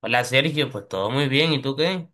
Hola Sergio, pues todo muy bien, ¿y tú qué?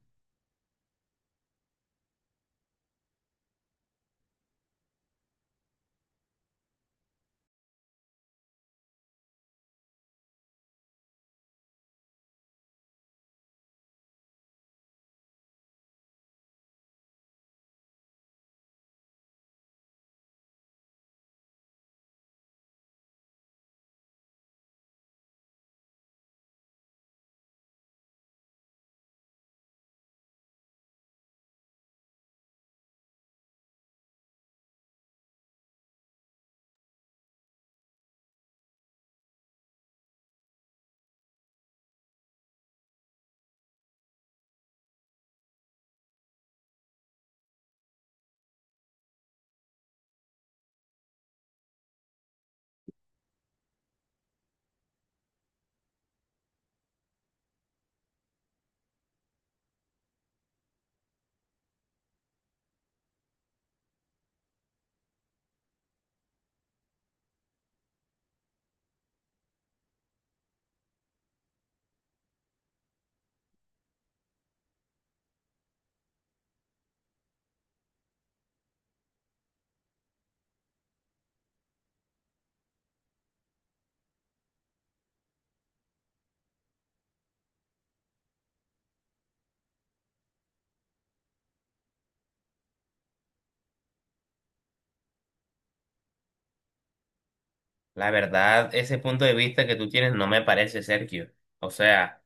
La verdad, ese punto de vista que tú tienes no me parece, Sergio. O sea,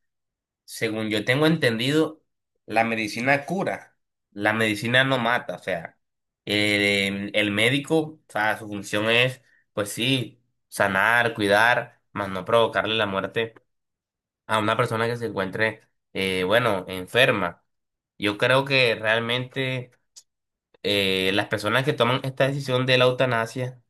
según yo tengo entendido, la medicina cura, la medicina no mata, o sea, el médico, o sea, su función es, pues sí, sanar, cuidar, más no provocarle la muerte a una persona que se encuentre, bueno, enferma. Yo creo que realmente las personas que toman esta decisión de la eutanasia,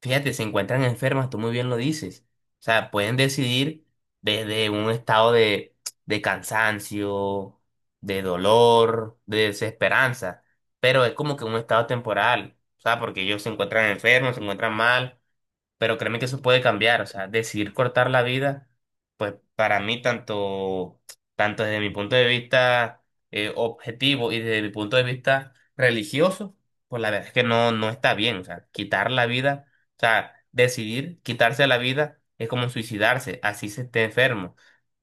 fíjate, se encuentran enfermas, tú muy bien lo dices. O sea, pueden decidir desde un estado de cansancio, de dolor, de desesperanza, pero es como que un estado temporal, o sea, porque ellos se encuentran enfermos, se encuentran mal, pero créeme que eso puede cambiar. O sea, decidir cortar la vida, pues para mí tanto, tanto desde mi punto de vista objetivo y desde mi punto de vista religioso, pues la verdad es que no, no está bien, o sea, quitar la vida, o sea, decidir quitarse la vida es como suicidarse, así se esté enfermo,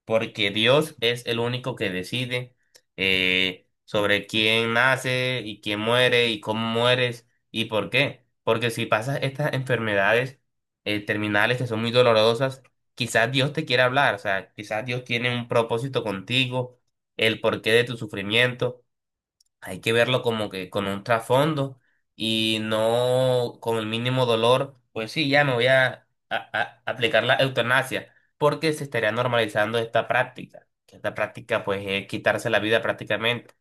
porque Dios es el único que decide, sobre quién nace y quién muere y cómo mueres y por qué. Porque si pasas estas enfermedades terminales que son muy dolorosas, quizás Dios te quiera hablar, o sea, quizás Dios tiene un propósito contigo, el porqué de tu sufrimiento. Hay que verlo como que con un trasfondo y no con el mínimo dolor. Pues sí, ya me voy a aplicar la eutanasia, porque se estaría normalizando esta práctica. Que Esta práctica pues es quitarse la vida prácticamente.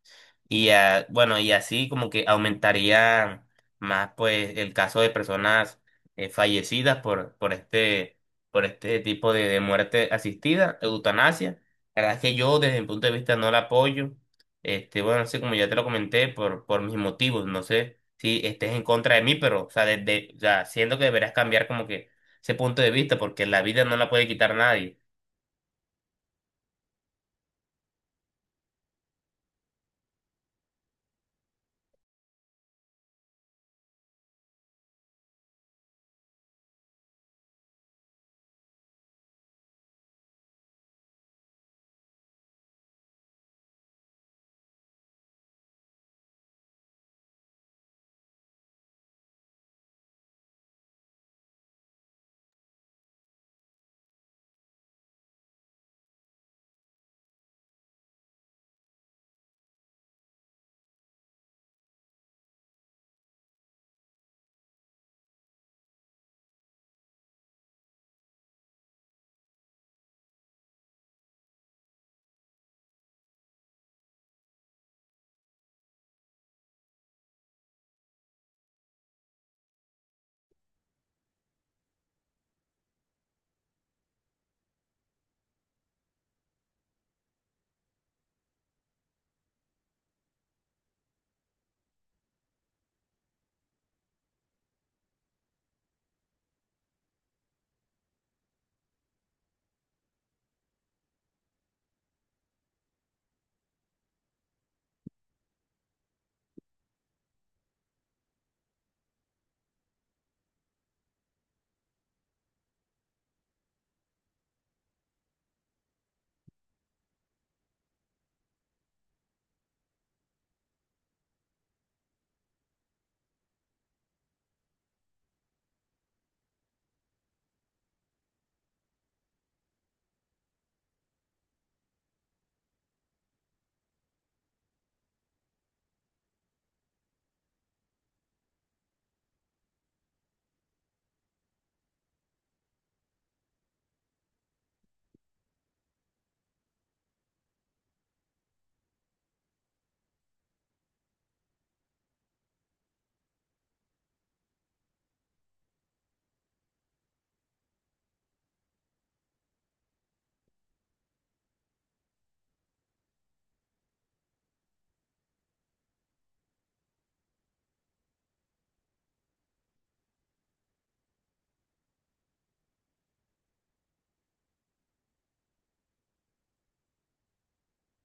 Y bueno, y así como que aumentaría más pues el caso de personas fallecidas por, por este tipo de muerte asistida, eutanasia. La verdad es que yo desde mi punto de vista no la apoyo, este, bueno, así como ya te lo comenté, por mis motivos. No sé si estés en contra de mí, pero, o sea, desde, o sea, siento que deberás cambiar como que ese punto de vista, porque la vida no la puede quitar nadie.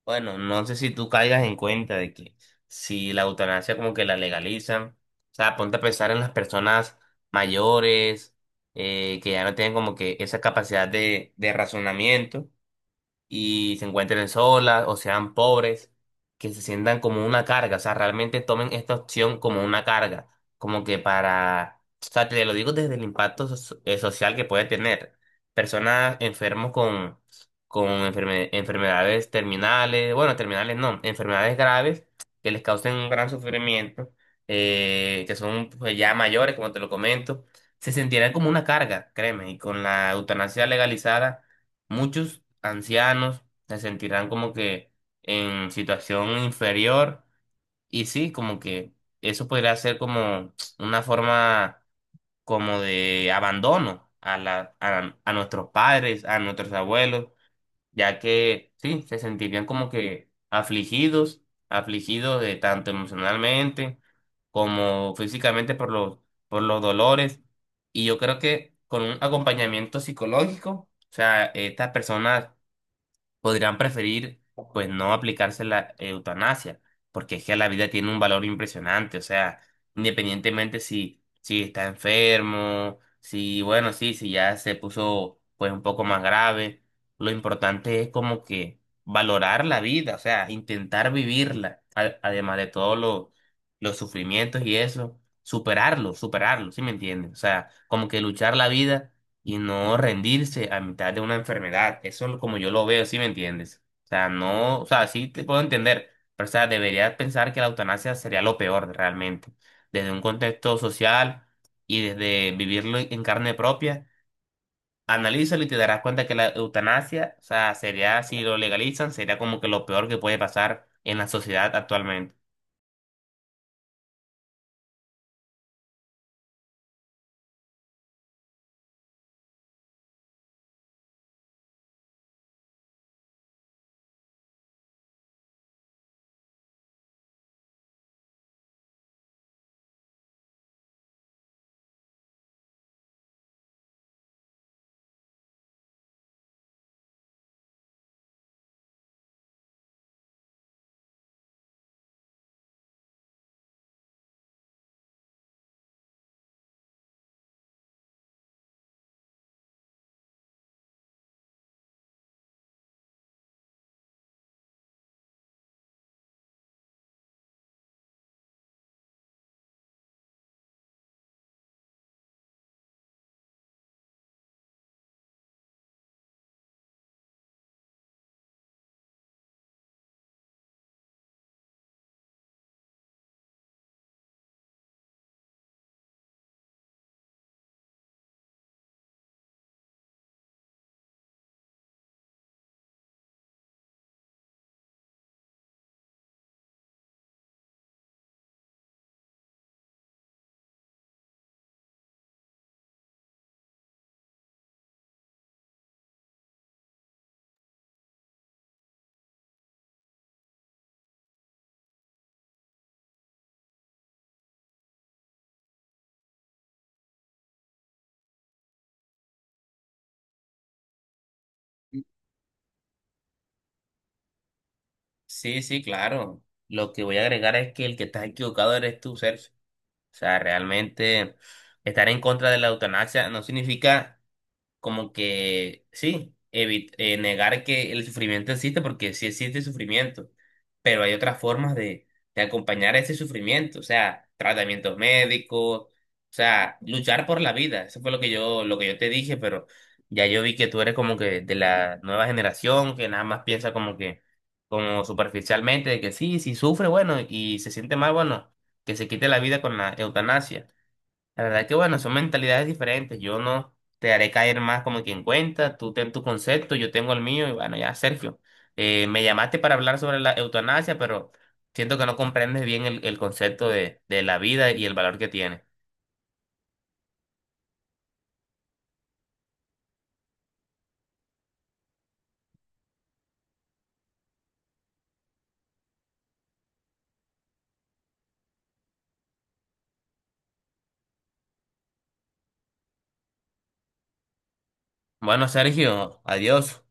Bueno, no sé si tú caigas en cuenta de que si la eutanasia como que la legalizan, o sea, ponte a pensar en las personas mayores, que ya no tienen como que esa capacidad de razonamiento y se encuentren solas o sean pobres, que se sientan como una carga, o sea, realmente tomen esta opción como una carga, como que para, o sea, te lo digo desde el impacto social que puede tener. Personas enfermos con enfermedades terminales, bueno, terminales no, enfermedades graves que les causen un gran sufrimiento, que son pues, ya mayores, como te lo comento, se sentirán como una carga, créeme, y con la eutanasia legalizada, muchos ancianos se sentirán como que en situación inferior, y sí, como que eso podría ser como una forma como de abandono a a nuestros padres, a nuestros abuelos, ya que sí, se sentirían como que afligidos, afligidos, de tanto emocionalmente como físicamente por los dolores. Y yo creo que con un acompañamiento psicológico, o sea, estas personas podrían preferir pues no aplicarse la eutanasia, porque es que la vida tiene un valor impresionante. O sea, independientemente si, si está enfermo, si bueno, sí, si ya se puso pues un poco más grave, lo importante es como que valorar la vida, o sea, intentar vivirla, además de todos los sufrimientos y eso, superarlo, superarlo, ¿sí me entiendes? O sea, como que luchar la vida y no rendirse a mitad de una enfermedad. Eso es como yo lo veo, ¿sí me entiendes? O sea, no, o sea, sí te puedo entender, pero o sea, deberías pensar que la eutanasia sería lo peor realmente, desde un contexto social y desde vivirlo en carne propia. Analízalo y te darás cuenta que la eutanasia, o sea, sería, si lo legalizan, sería como que lo peor que puede pasar en la sociedad actualmente. Sí, sí, claro. Lo que voy a agregar es que el que está equivocado eres tú, Sergio. O sea, realmente estar en contra de la eutanasia no significa como que sí, negar que el sufrimiento existe, porque sí existe sufrimiento, pero hay otras formas de acompañar ese sufrimiento, o sea, tratamientos médicos, o sea, luchar por la vida. Eso fue lo que yo te dije, pero ya yo vi que tú eres como que de la nueva generación, que nada más piensa como que, como superficialmente, de que sí, si sufre, bueno, y se siente mal, bueno, que se quite la vida con la eutanasia. La verdad que bueno, son mentalidades diferentes. Yo no te haré caer más como quien cuenta. Tú ten tu concepto, yo tengo el mío. Y bueno, ya, Sergio, me llamaste para hablar sobre la eutanasia, pero siento que no comprendes bien el concepto de la vida y el valor que tiene. Bueno, Sergio, adiós.